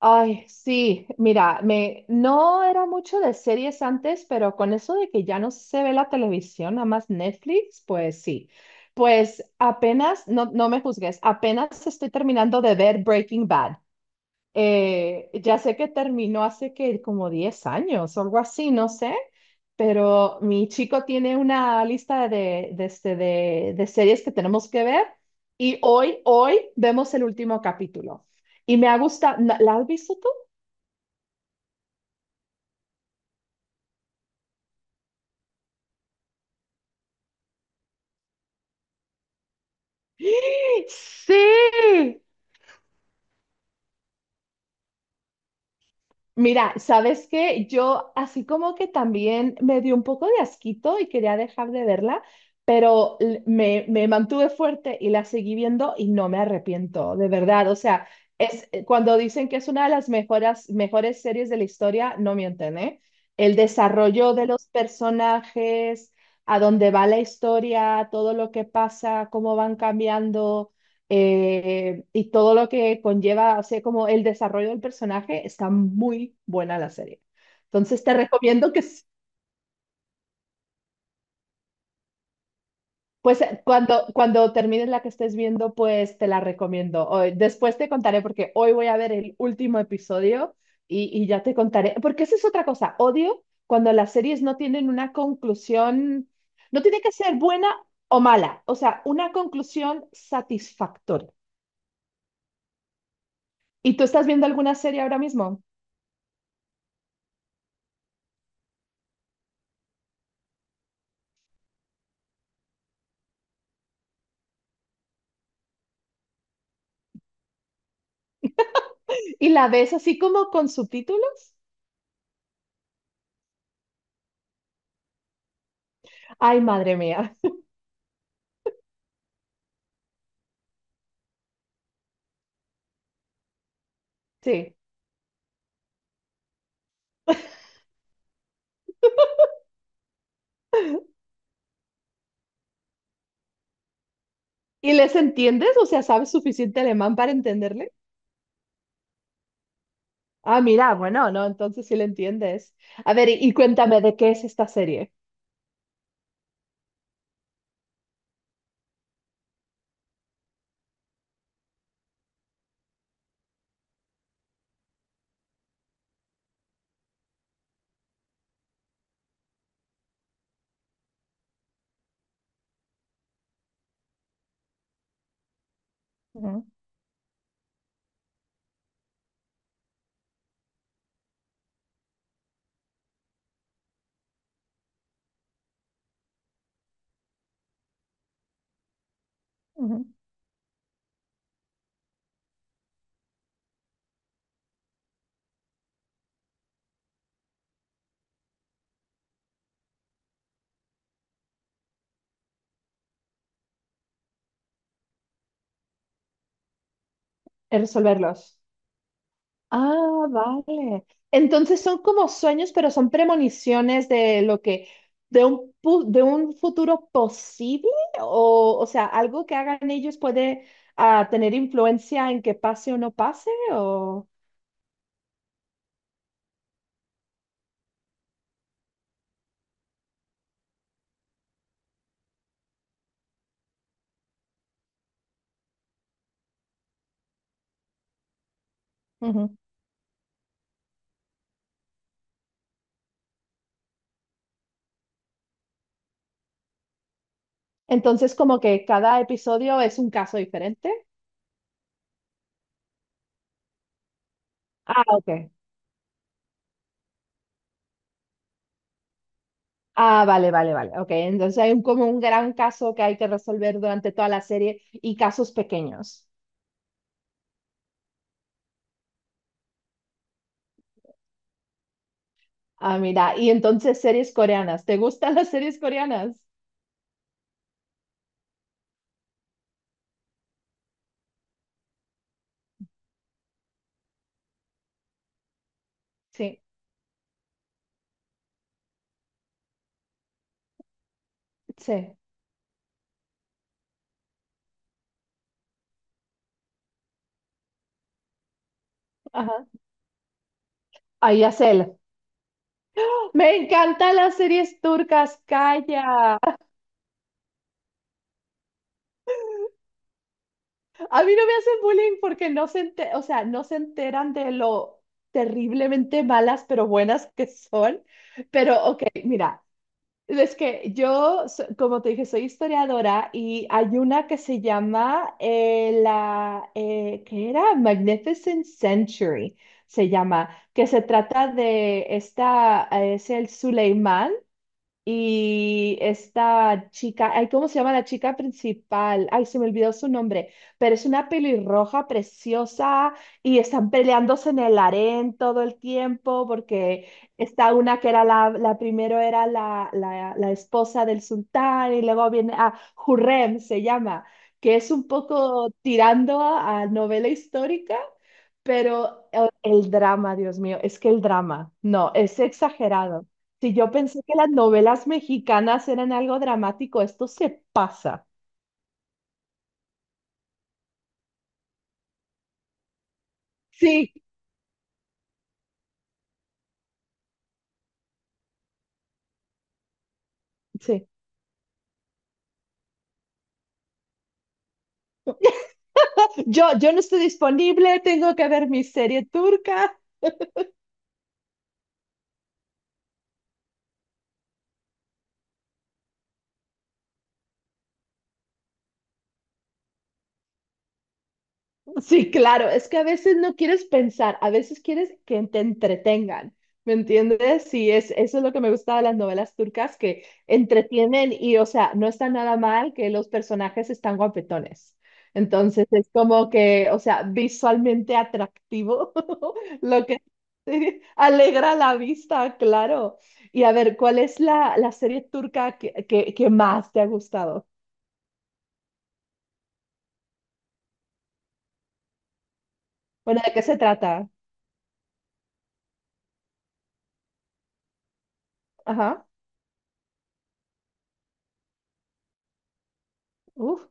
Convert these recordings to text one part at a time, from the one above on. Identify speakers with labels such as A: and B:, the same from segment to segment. A: Ay, sí, mira, me no era mucho de series antes, pero con eso de que ya no se ve la televisión, nada más Netflix, pues sí. Pues apenas, no, no me juzgues, apenas estoy terminando de ver Breaking Bad. Ya sé que terminó hace que como 10 años o algo así, no sé, pero mi chico tiene una lista de series que tenemos que ver y hoy vemos el último capítulo. Y me ha gustado, ¿la has visto tú? Sí. Mira, ¿sabes qué? Yo así como que también me dio un poco de asquito y quería dejar de verla, pero me mantuve fuerte y la seguí viendo y no me arrepiento, de verdad. O sea, es cuando dicen que es una de las mejores series de la historia, no mienten, ¿eh? El desarrollo de los personajes, a dónde va la historia, todo lo que pasa, cómo van cambiando. Y todo lo que conlleva, o sea, como el desarrollo del personaje, está muy buena la serie. Entonces te recomiendo que, pues cuando termines la que estés viendo, pues te la recomiendo. Después te contaré porque hoy voy a ver el último episodio y ya te contaré, porque esa es otra cosa, odio cuando las series no tienen una conclusión, no tiene que ser buena o mala, o sea, una conclusión satisfactoria. ¿Y tú estás viendo alguna serie ahora mismo? Y la ves así como con subtítulos. Ay, madre mía. Sí. ¿Y les entiendes? O sea, ¿sabes suficiente alemán para entenderle? Ah, mira, bueno, no, entonces sí le entiendes. A ver, y cuéntame de qué es esta serie. Ujú, ujú. El resolverlos. Ah, vale. Entonces son como sueños, pero son premoniciones de lo que, de un futuro posible, o sea, algo que hagan ellos puede tener influencia en que pase o no pase, o. Entonces, como que cada episodio es un caso diferente. Ah, ok. Ah, vale, vale, vale. Ok, entonces hay un, como un gran caso que hay que resolver durante toda la serie y casos pequeños. Ah, mira, y entonces series coreanas. ¿Te gustan las series coreanas? Sí, sí. Ajá. Ahí hace él. Me encantan las series turcas, calla. A mí no me hacen bullying porque no se o sea, no se enteran de lo terriblemente malas pero buenas que son. Pero, ok, mira. Es que yo, como te dije, soy historiadora y hay una que se llama la, ¿qué era? Magnificent Century, se llama, que se trata de esta, es el Suleimán. Y esta chica, ay, ¿cómo se llama la chica principal? Ay, se me olvidó su nombre, pero es una pelirroja preciosa y están peleándose en el harén todo el tiempo porque está una que era la primero era la esposa del sultán y luego viene a Hurrem, se llama, que es un poco tirando a novela histórica pero el drama, Dios mío, es que el drama, no, es exagerado. Si yo pensé que las novelas mexicanas eran algo dramático, esto se pasa. Sí, sí. Yo no estoy disponible, tengo que ver mi serie turca. Sí, claro, es que a veces no quieres pensar, a veces quieres que te entretengan, ¿me entiendes? Sí, eso es lo que me gusta de las novelas turcas, que entretienen y, o sea, no está nada mal que los personajes están guapetones. Entonces es como que, o sea, visualmente atractivo, lo que alegra la vista, claro. Y a ver, ¿cuál es la serie turca que más te ha gustado? Bueno, ¿de qué se trata? Ajá. Uf.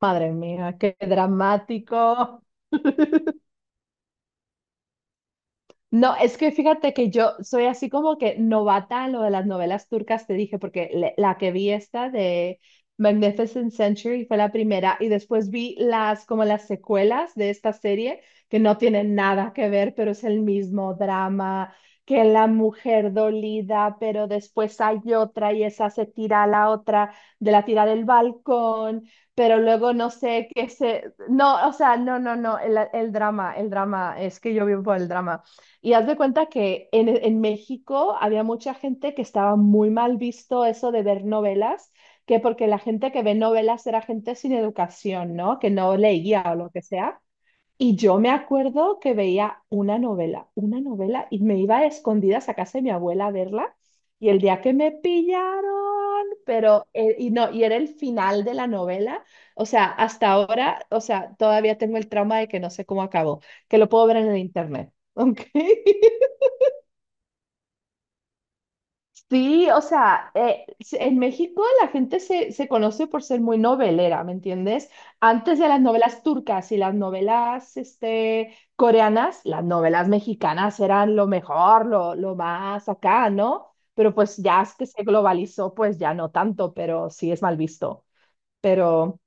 A: Madre mía, qué dramático. No, es que fíjate que yo soy así como que novata en lo de las novelas turcas, te dije, porque la que vi esta de Magnificent Century fue la primera y después vi las como las secuelas de esta serie que no tienen nada que ver, pero es el mismo drama, que la mujer dolida, pero después hay otra y esa se tira a la otra de la tira del balcón, pero luego no sé qué se. No, o sea, no, no, no, el drama, el drama, es que yo vivo por el drama. Y haz de cuenta que en México había mucha gente que estaba muy mal visto eso de ver novelas, que porque la gente que ve novelas era gente sin educación, ¿no? Que no leía o lo que sea. Y yo me acuerdo que veía una novela, y me iba a escondidas a casa de mi abuela a verla. Y el día que me pillaron, pero, y no, y era el final de la novela. O sea, hasta ahora, o sea, todavía tengo el trauma de que no sé cómo acabó, que lo puedo ver en el internet. ¿Ok? Sí, o sea, en México la gente se conoce por ser muy novelera, ¿me entiendes? Antes de las novelas turcas y las novelas coreanas, las novelas mexicanas eran lo mejor, lo más acá, ¿no? Pero pues ya es que se globalizó, pues ya no tanto, pero sí es mal visto. Pero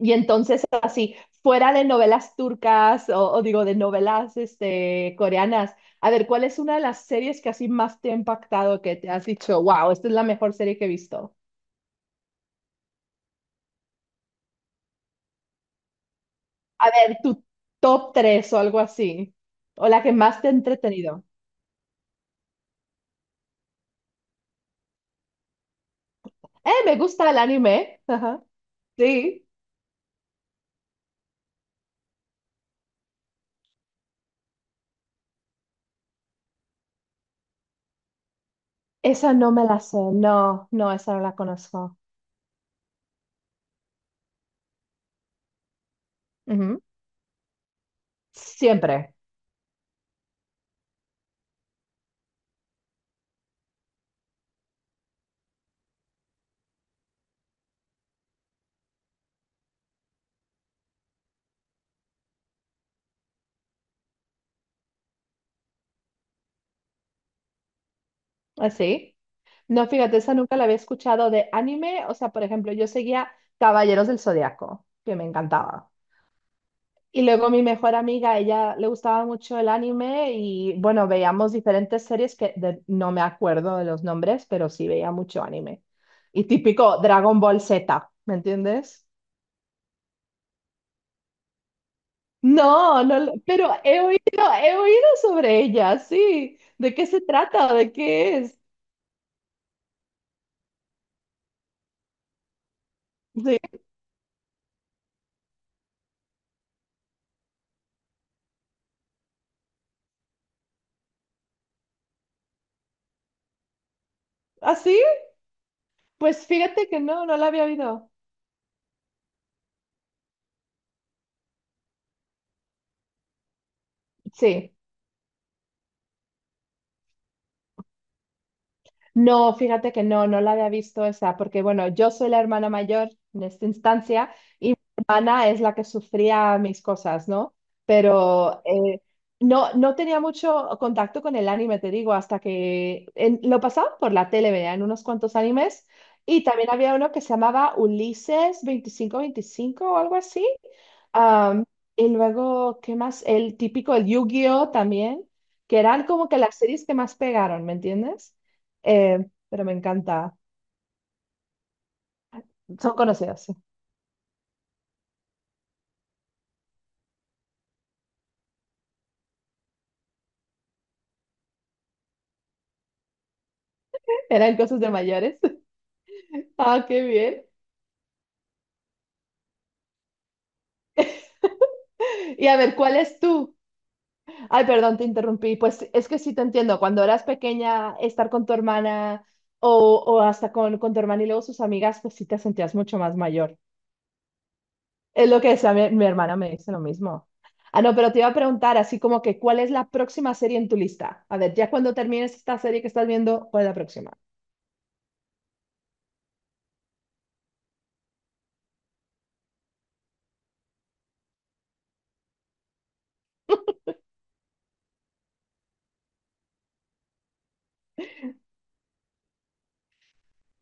A: y entonces, así, fuera de novelas turcas o digo, de novelas coreanas, a ver, ¿cuál es una de las series que así más te ha impactado, que te has dicho, wow, esta es la mejor serie que he visto? A ver, tu top 3 o algo así, o la que más te ha entretenido. Me gusta el anime. Ajá. Sí. Esa no me la sé. No, no, esa no la conozco. Ujú. Siempre. Así. No, fíjate, esa nunca la había escuchado de anime. O sea, por ejemplo, yo seguía Caballeros del Zodiaco, que me encantaba. Y luego mi mejor amiga, ella le gustaba mucho el anime y bueno, veíamos diferentes series que no me acuerdo de los nombres, pero sí veía mucho anime. Y típico Dragon Ball Z, ¿me entiendes? No, no, pero he oído sobre ella, sí. ¿De qué se trata? ¿De qué es? ¿Sí? ¿Así? Pues fíjate que no, no la había oído. Sí. No, fíjate que no, no la había visto esa, porque bueno, yo soy la hermana mayor en esta instancia y mi hermana es la que sufría mis cosas, ¿no? Pero no, no tenía mucho contacto con el anime, te digo, hasta que lo pasaba por la tele, veían unos cuantos animes y también había uno que se llamaba Ulises veinticinco veinticinco o algo así. Am, y luego, ¿qué más? El típico, el Yu-Gi-Oh también, que eran como que las series que más pegaron, ¿me entiendes? Pero me encanta. Son conocidos, sí. Eran cosas de mayores. Ah, qué bien. Y a ver, ¿cuál es tú? Ay, perdón, te interrumpí. Pues es que sí te entiendo. Cuando eras pequeña, estar con tu hermana o hasta con, tu hermana y luego sus amigas, pues sí te sentías mucho más mayor. Es lo que decía mi hermana, me dice lo mismo. Ah, no, pero te iba a preguntar así como que, ¿cuál es la próxima serie en tu lista? A ver, ya cuando termines esta serie que estás viendo, ¿cuál es la próxima?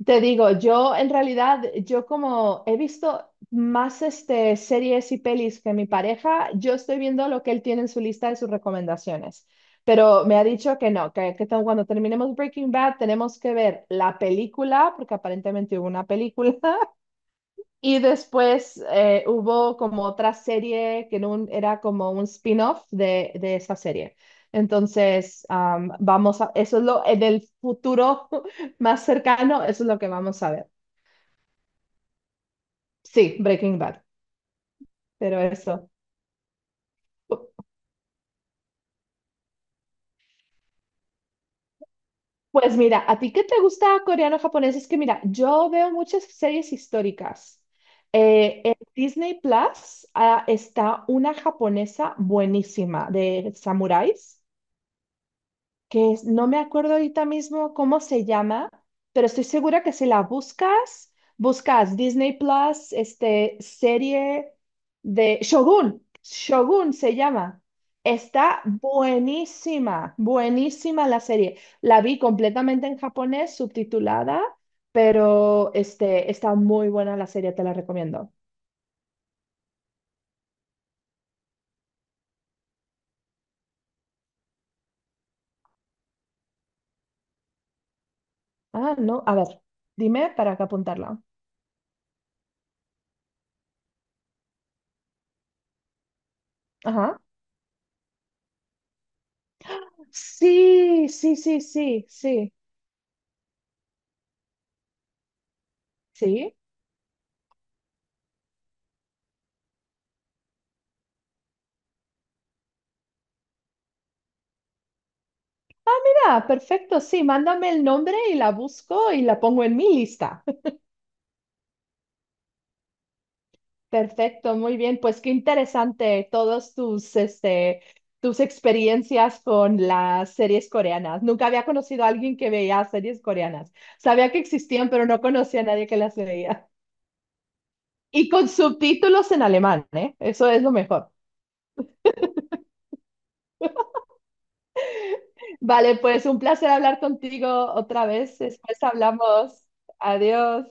A: Te digo, yo en realidad, yo como he visto más series y pelis que mi pareja, yo estoy viendo lo que él tiene en su lista de sus recomendaciones. Pero me ha dicho que no, que cuando terminemos Breaking Bad tenemos que ver la película, porque aparentemente hubo una película, y después hubo como otra serie que era como un spin-off de esa serie. Entonces, vamos a, eso es lo, en el futuro más cercano, eso es lo que vamos a ver. Sí, Breaking Bad, pero eso. Pu- Pues mira, ¿a ti qué te gusta coreano o japonés? Es que mira, yo veo muchas series históricas. En Disney Plus, está una japonesa buenísima de samuráis. Que no me acuerdo ahorita mismo cómo se llama, pero estoy segura que si la buscas, buscas Disney Plus, serie de Shogun, Shogun se llama. Está buenísima, buenísima la serie. La vi completamente en japonés, subtitulada, pero está muy buena la serie, te la recomiendo. Ah, no, a ver, dime para que apuntarla. Ajá. Sí, sí, sí, sí, sí, sí. Ah, perfecto, sí, mándame el nombre y la busco y la pongo en mi lista. Perfecto, muy bien, pues qué interesante todos tus experiencias con las series coreanas. Nunca había conocido a alguien que veía series coreanas. Sabía que existían, pero no conocía a nadie que las veía. Y con subtítulos en alemán, ¿eh? Eso es lo mejor. Vale, pues un placer hablar contigo otra vez. Después hablamos. Adiós.